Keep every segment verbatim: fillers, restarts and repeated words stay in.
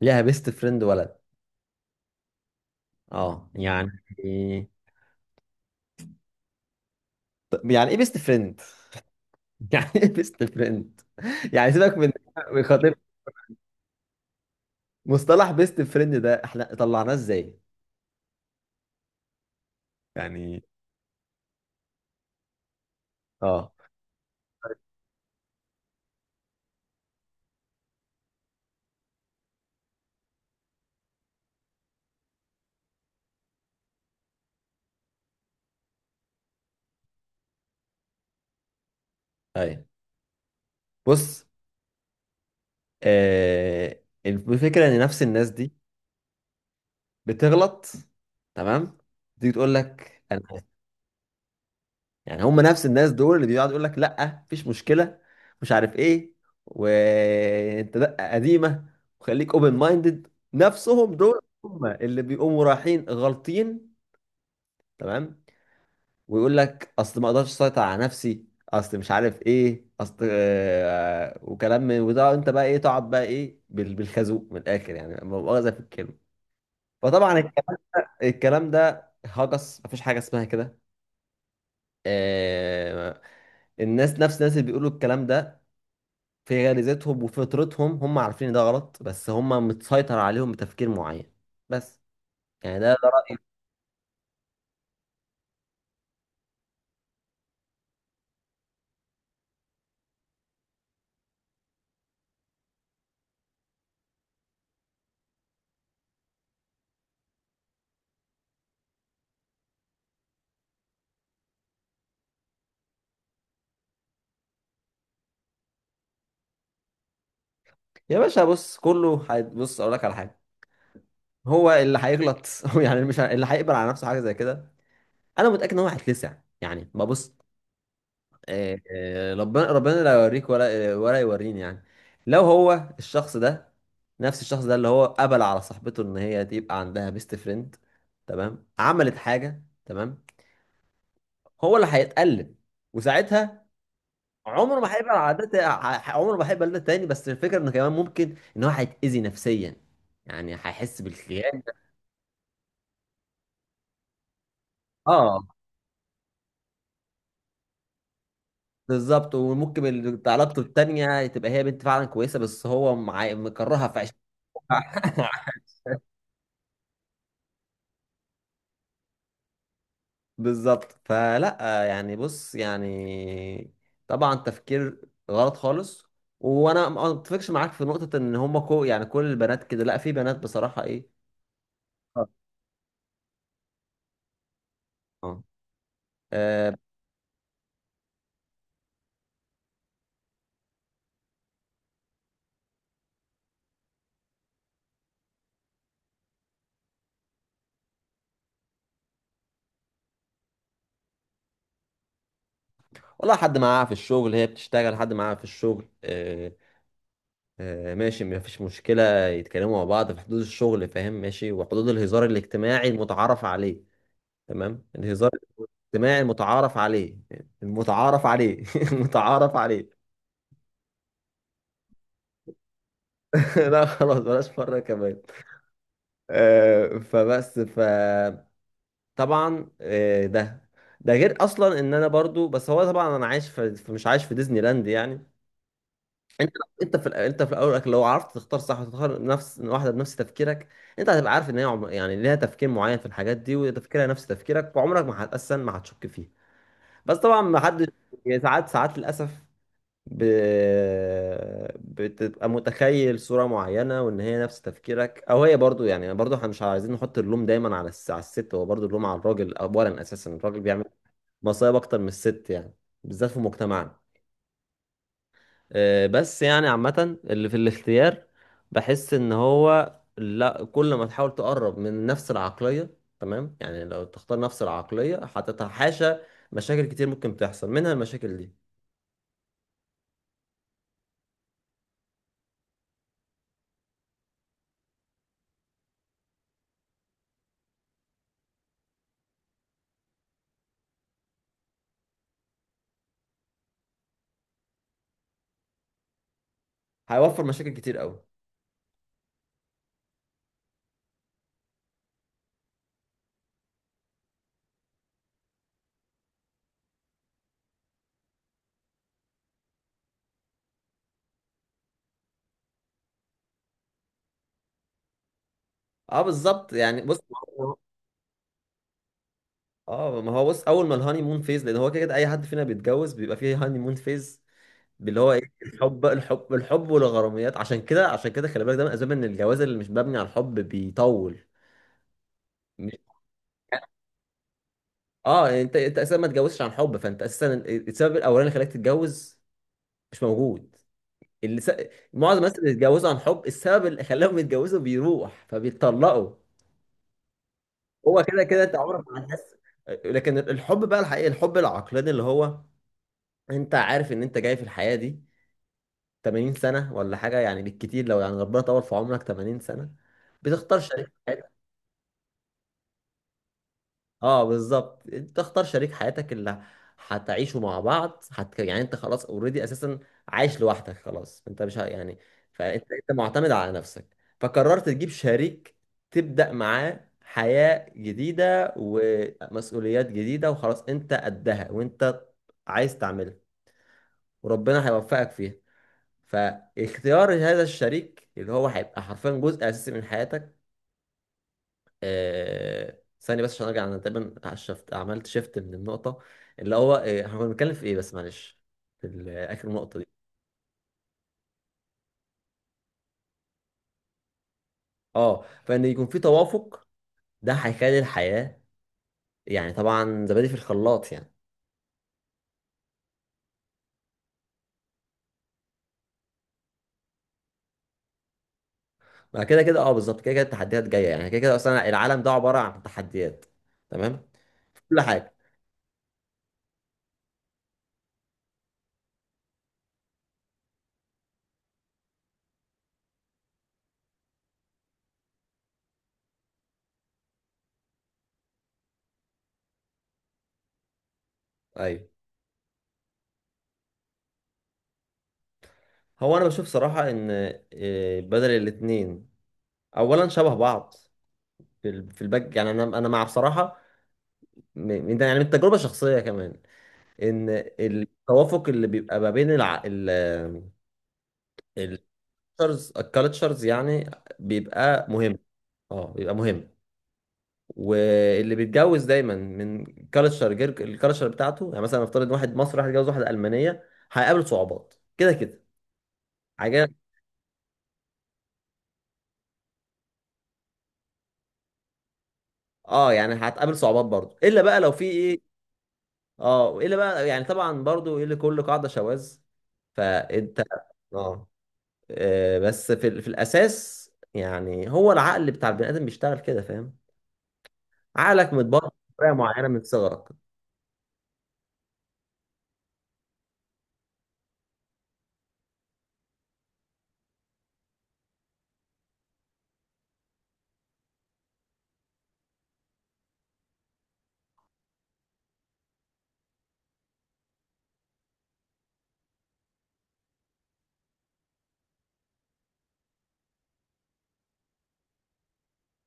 ليها بيست فريند ولد؟ اه يعني طب يعني ايه بيست فريند؟ يعني ايه بيست فريند؟ يعني سيبك من من خاطر مصطلح بيست فريند ده احنا طلعناه ازاي؟ يعني اه ايوه، بص، آه، الفكره ان نفس الناس دي بتغلط، تمام، تيجي تقول لك انا، يعني هم نفس الناس دول اللي بيقعدوا يقول لك لا مفيش مشكله، مش عارف ايه، وانت دقه قديمه، وخليك اوبن مايندد. نفسهم دول هم اللي بيقوموا رايحين غلطين، تمام، ويقول لك اصل ما اقدرش اسيطر على نفسي، اصل مش عارف ايه، اصل آه، وكلام من وده. انت بقى ايه؟ تقعد بقى ايه بال- بالخازوق من الاخر، يعني لا مؤاخذه في الكلمه. فطبعا الك- الكلام ده هجس، مفيش حاجه اسمها كده. آه، الناس، نفس الناس اللي بيقولوا الكلام ده، في غريزتهم وفطرتهم هم عارفين إن ده غلط، بس هم متسيطر عليهم بتفكير معين. بس يعني ده ده رأيي. يا باشا بص، كله هي- بص اقول لك على حاجه، هو اللي هيغلط هو يعني مش ه- اللي هيقبل على نفسه حاجه زي كده، انا متاكد ان هو هيتلسع. يعني ما بص، آه، آه، ربنا ربنا لا يوريك ولا آه، ولا يوريني، يعني لو هو الشخص ده، نفس الشخص ده اللي هو قبل على صاحبته ان هي تبقى عندها بيست فريند، تمام، عملت حاجه، تمام، هو اللي هيتألم، وساعتها عمره ما هيبقى العادات، عمره ما هيبقى ده تاني، بس الفكره انه كمان ممكن ان هو هيتاذي نفسيا، يعني هيحس بالخيانه. اه بالظبط. وممكن ال- بتاع لابته التانيه تبقى هي بنت فعلا كويسه، بس هو معي مكرهها في عش... بالظبط. فلا، يعني بص يعني طبعا تفكير غلط خالص. وانا ما اتفقش معاك في نقطه ان هم كو يعني كل البنات كده، لا، في بنات بصراحه ايه. آه. آه، والله حد معاها في الشغل، هي بتشتغل حد معاها في الشغل، آه، آه، ماشي مفيش مشكلة، يتكلموا مع بعض في حدود الشغل، فاهم، ماشي، وحدود الهزار الاجتماعي المتعارف عليه، تمام، الهزار الاجتماعي المتعارف عليه، المتعارف عليه المتعارف عليه. لا خلاص بلاش مرة كمان. آه، فبس فطبعا ده ده غير اصلا ان انا برضو، بس هو طبعا انا عايش في في- مش عايش في ديزني لاند يعني. انت انت في الأ- انت في الاول والآخر لو عرفت تختار صح، وتختار نفس واحده بنفس تفكيرك، انت هتبقى عارف ان هي عم... يعني ليها تفكير معين في الحاجات دي وتفكيرها نفس تفكيرك، وعمرك ما هتأسن، ما هتشك فيها. بس طبعا ما حد، يعني ساعات ساعات للاسف ب... بتبقى متخيل صوره معينه وان هي نفس تفكيرك، او هي برضو، يعني برضو احنا مش عايزين نحط اللوم دايما على الس... على الست، هو برضو اللوم على الراجل اولا، اساسا الراجل بيعمل مصايب اكتر من الست يعني، بالذات في مجتمعنا. آه، بس يعني عامة اللي في الاختيار بحس ان هو لا، كل ما تحاول تقرب من نفس العقلية، تمام، يعني لو تختار نفس العقلية هتتحاشى مشاكل كتير ممكن تحصل منها المشاكل دي، هيوفر مشاكل كتير قوي. اه بالظبط. يعني بص اه ما هو بص، اول ما الهاني مون فيز، لان هو كده كده اي حد فينا بيتجوز بيبقى فيه هاني مون فيز، اللي هو ايه، الحب الحب الحب والغراميات، عشان كده عشان كده خلي بالك ده من اسباب ان الجواز اللي مش مبني على الحب بيطول. اه يعني انت انت اساسا ما تتجوزش عن حب، فانت اساسا السبب الاولاني اللي خلاك تتجوز مش موجود. اللي س... معظم الناس اللي بيتجوزوا عن حب، السبب اللي خلاهم يتجوزوا بيروح فبيتطلقوا. هو كده كده انت عمرك ما هتحس، لكن الحب بقى الحقيقي، الحب العقلاني، اللي هو انت عارف ان انت جاي في الحياة دي ثمانين سنة ولا حاجة يعني، بالكتير لو يعني ربنا طول في عمرك ثمانين سنة، بتختار شريك. اه بالظبط، انت اختار شريك حياتك اللي هتعيشوا مع بعض، هت... يعني انت خلاص اوريدي اساسا عايش لوحدك، خلاص انت مش ه- يعني، فانت انت معتمد على نفسك، فقررت تجيب شريك تبدأ معاه حياة جديدة ومسؤوليات جديدة، وخلاص انت قدها وانت عايز تعملها وربنا هيوفقك فيها. فاختيار هذا الشريك اللي هو هيبقى حرفيا جزء اساسي من حياتك. آه، ثانية بس عشان ارجع، انا تقريبا شفت عملت شيفت من النقطة اللي هو آه، احنا كنا بنتكلم في ايه، بس معلش في ال- اخر النقطة دي. اه فان يكون في توافق، ده هيخلي الحياة، يعني طبعا زبادي في الخلاط يعني. ما كده كده اه بالظبط، كده كده التحديات جاية يعني، كده كده اصلا العالم ده عبارة عن تحديات، تمام، في كل حاجة. ايوه. هو انا بشوف صراحة ان آه، بدل الاتنين اولا شبه بعض في ال- في الباك يعني، انا انا مع بصراحة م- يعني من تجربة شخصية كمان، ان التوافق اللي بيبقى ما بين الع... ال الكالتشرز الكالتشرز يعني بيبقى مهم. اه بيبقى مهم. واللي بيتجوز دايما من كالتشر غير الكالتشر بتاعته، يعني مثلا نفترض واحد مصري هيتجوز واحده المانيه هيقابل صعوبات كده كده حاجه. اه يعني هتقابل صعوبات برضو، الا بقى لو في ايه. اه الا بقى يعني طبعا برضو ايه، لكل قاعده شواذ. فانت اه، آه، بس في ال- في الاساس يعني هو العقل بتاع البني ادم بيشتغل كده، فاهم، عقلك متبرمج بطريقه معينه من صغرك.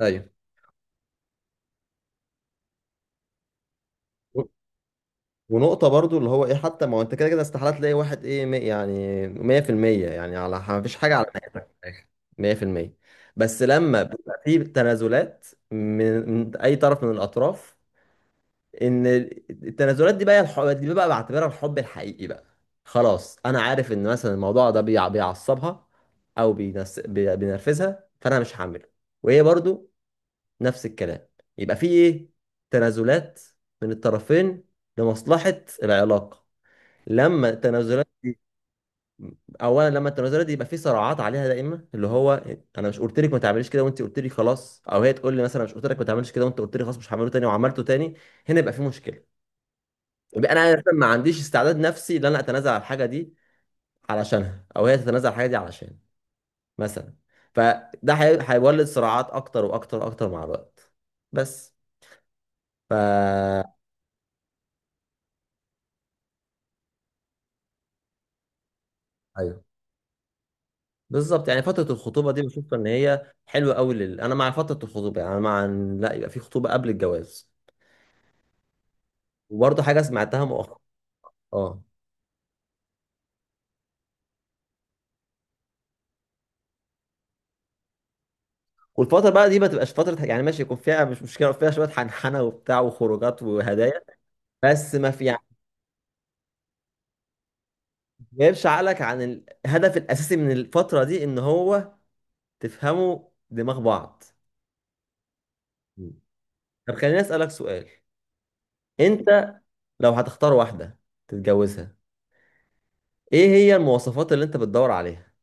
ايوه. و- ونقطة برضو اللي هو ايه، حتى ما هو انت كده كده استحالة تلاقي واحد ايه مي- يعني مية في المية يعني، على ما فيش حاجة على نهايتك في الآخر مية في المية، بس لما بيبقى في تنازلات من, من اي طرف من الاطراف، ان التنازلات دي بقى الح- دي بقى بعتبرها الحب الحقيقي بقى. خلاص انا عارف ان مثلا الموضوع ده بيع- بيعصبها او بينس... بي- بينرفزها، فانا مش هعمله، وهي برضو نفس الكلام، يبقى في ايه تنازلات من الطرفين لمصلحة العلاقة. لما التنازلات دي، اولا لما التنازلات دي يبقى في صراعات عليها دايما، اللي هو انا مش قلت لك ما تعمليش كده وانت قلت لي خلاص، او هي تقول لي مثلا مش قلت لك ما تعمليش كده وانت قلت لي خلاص مش هعمله تاني وعملته تاني، هنا يبقى في مشكلة. انا مثلاً ما عنديش استعداد نفسي ان انا اتنازل على الحاجه دي علشانها، او هي تتنازل على الحاجه دي علشان مثلا، فده هي- هيولد صراعات اكتر واكتر واكتر مع الوقت. بس ف ايوه. بالظبط يعني فتره الخطوبه دي بشوف ان هي حلوه قوي لل... انا مع فتره الخطوبه، يعني أنا مع ان لا يبقى في خطوبه قبل الجواز. وبرضه حاجه سمعتها مؤخرا. اه. والفتره بقى دي ما تبقاش فتره يعني ماشي، يكون فيها مش مشكله فيها شويه حنحنه وبتاع وخروجات وهدايا، بس ما في يعني جايبش عقلك عن الهدف الاساسي من الفتره دي ان هو تفهموا دماغ بعض. مم. طب خليني اسالك سؤال، انت لو هتختار واحده تتجوزها، ايه هي المواصفات اللي انت بتدور عليها؟